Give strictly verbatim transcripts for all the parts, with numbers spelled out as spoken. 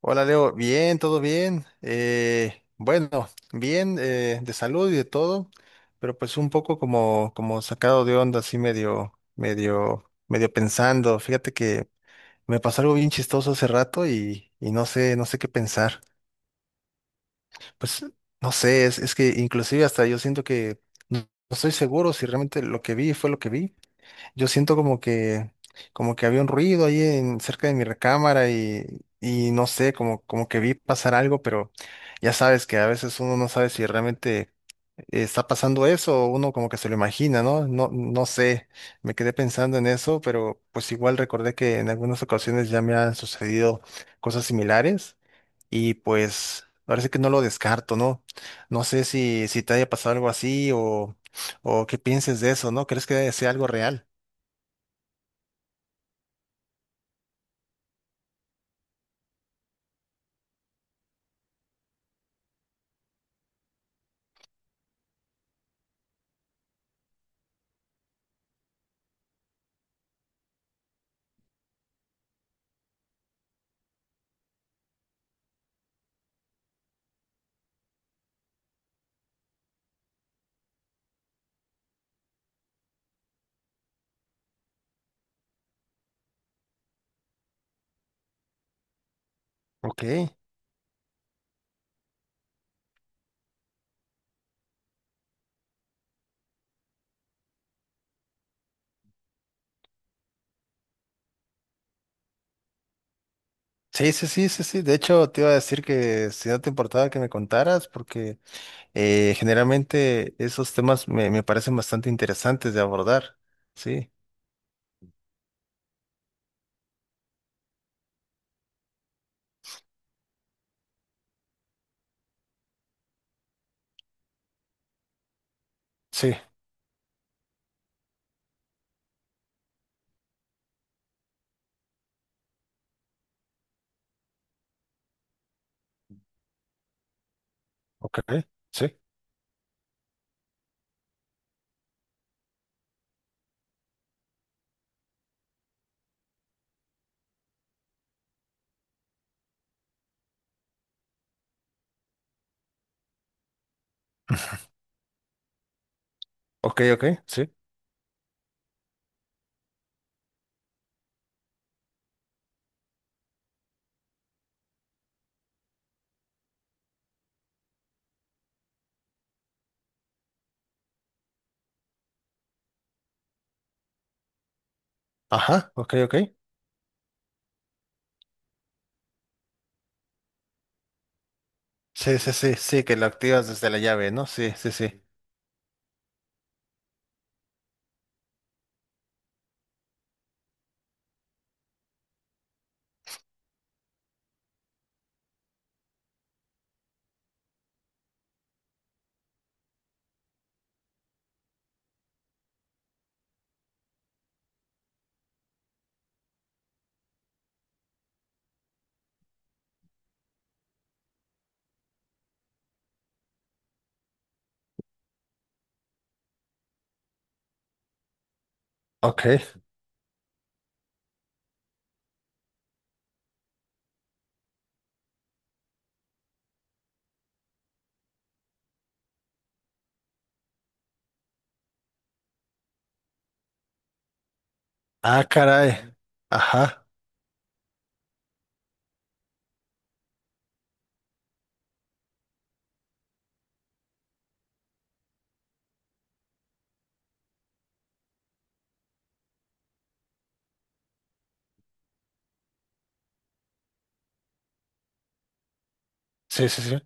Hola Leo, bien, todo bien. Eh, bueno, bien eh, de salud y de todo, pero pues un poco como, como sacado de onda, así medio, medio, medio pensando. Fíjate que me pasó algo bien chistoso hace rato y, y no sé, no sé qué pensar. Pues no sé, es, es que inclusive hasta yo siento que no no estoy seguro si realmente lo que vi fue lo que vi. Yo siento como que, como que había un ruido ahí en, cerca de mi recámara y, y no sé, como, como que vi pasar algo, pero ya sabes que a veces uno no sabe si realmente está pasando eso o uno como que se lo imagina, ¿no? No, no sé, me quedé pensando en eso, pero pues igual recordé que en algunas ocasiones ya me han sucedido cosas similares y pues parece que no lo descarto, ¿no? No sé si, si te haya pasado algo así o, o qué pienses de eso, ¿no? ¿Crees que sea algo real? Ok. Sí, sí, sí, sí, sí. De hecho, te iba a decir que si no te importaba que me contaras, porque eh, generalmente esos temas me, me parecen bastante interesantes de abordar. Sí, sí, ok, sí, ok, ok, sí. Ajá, ok, ok. Sí, sí, sí, sí, que lo activas desde la llave, ¿no? Sí, sí, sí. Ok. Ah, caray. Ajá. Sí, sí, sí.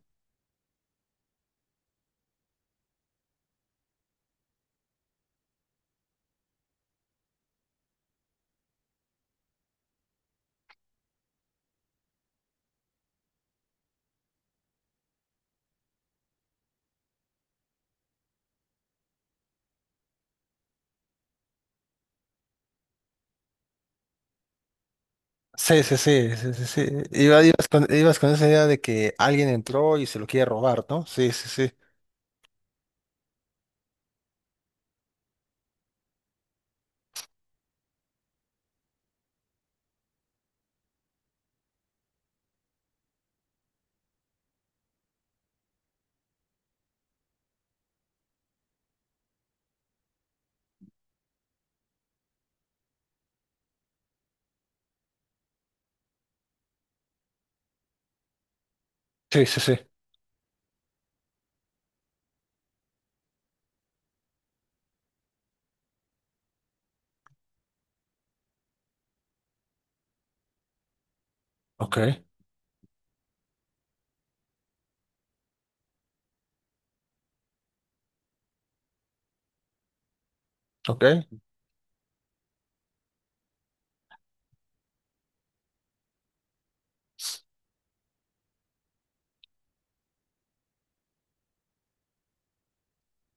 Sí, sí, sí, sí, sí, sí. Iba- ibas con, ibas con esa idea de que alguien entró y se lo quiere robar, ¿no? Sí, sí, sí. Sí, sí, sí. Ok. Ok.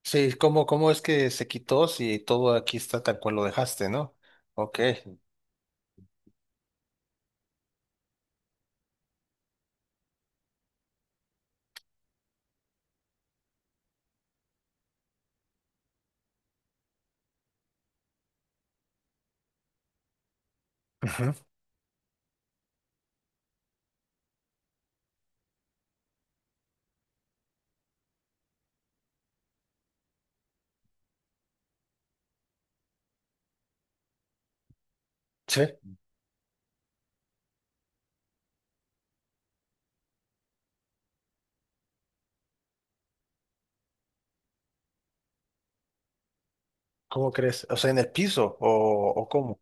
Sí, ¿cómo, cómo es que se quitó si todo aquí está tal cual lo dejaste, ¿no? Ok. Ajá. Sí, ¿cómo crees? O sea, en el piso, o, o cómo,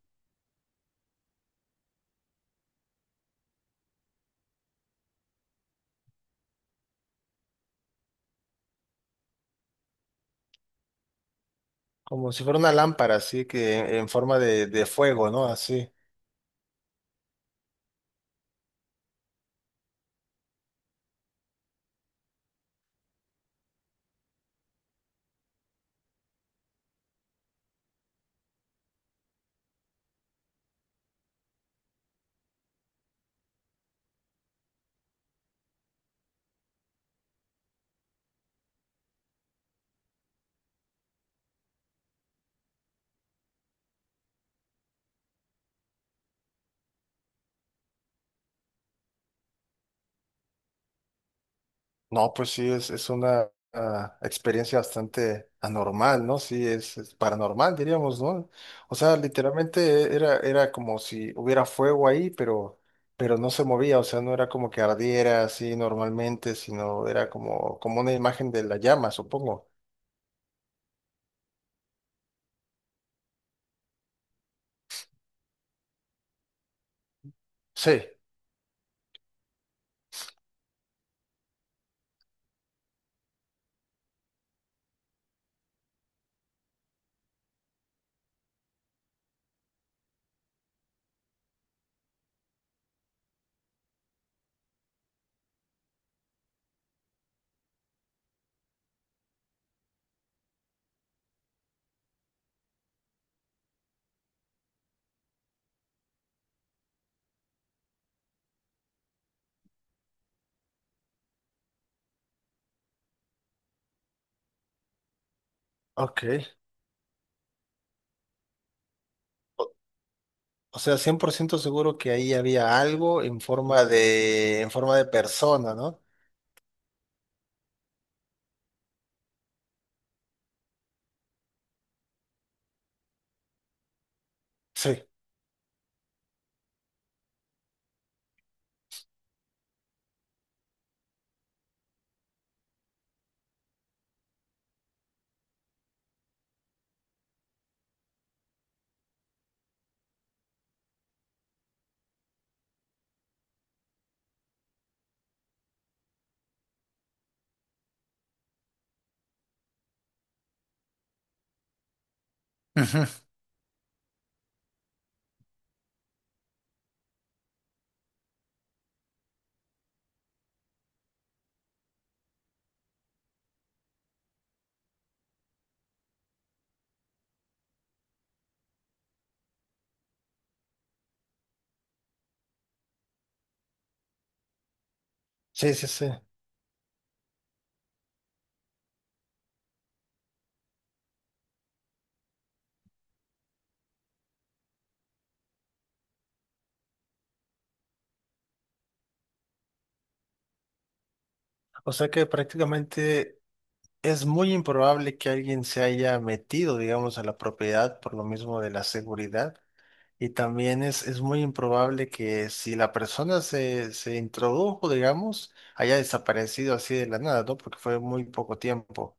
como si fuera una lámpara, así que en forma de, de fuego, ¿no? Así. No, pues sí, es, es una ah, experiencia bastante anormal, ¿no? Sí, es, es paranormal, diríamos, ¿no? O sea, literalmente era, era como si hubiera fuego ahí, pero, pero no se movía, o sea, no era como que ardiera así normalmente, sino era como, como una imagen de la llama, supongo. Sí, ok. O, o sea, cien por ciento seguro que ahí había algo en forma de, en forma de persona, ¿no? Sí. Ujú. Sí, sí, sí. O sea que prácticamente es muy improbable que alguien se haya metido, digamos, a la propiedad por lo mismo de la seguridad. Y también es, es muy improbable que si la persona se, se introdujo, digamos, haya desaparecido así de la nada, ¿no? Porque fue muy poco tiempo.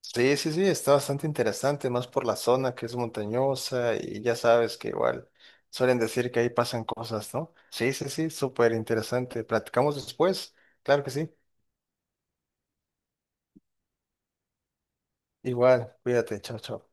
Sí, sí, sí, está bastante interesante, más por la zona que es montañosa y ya sabes que igual suelen decir que ahí pasan cosas, ¿no? Sí, sí, sí, súper interesante. Platicamos después. Claro que sí. Igual, cuídate, chao, chao.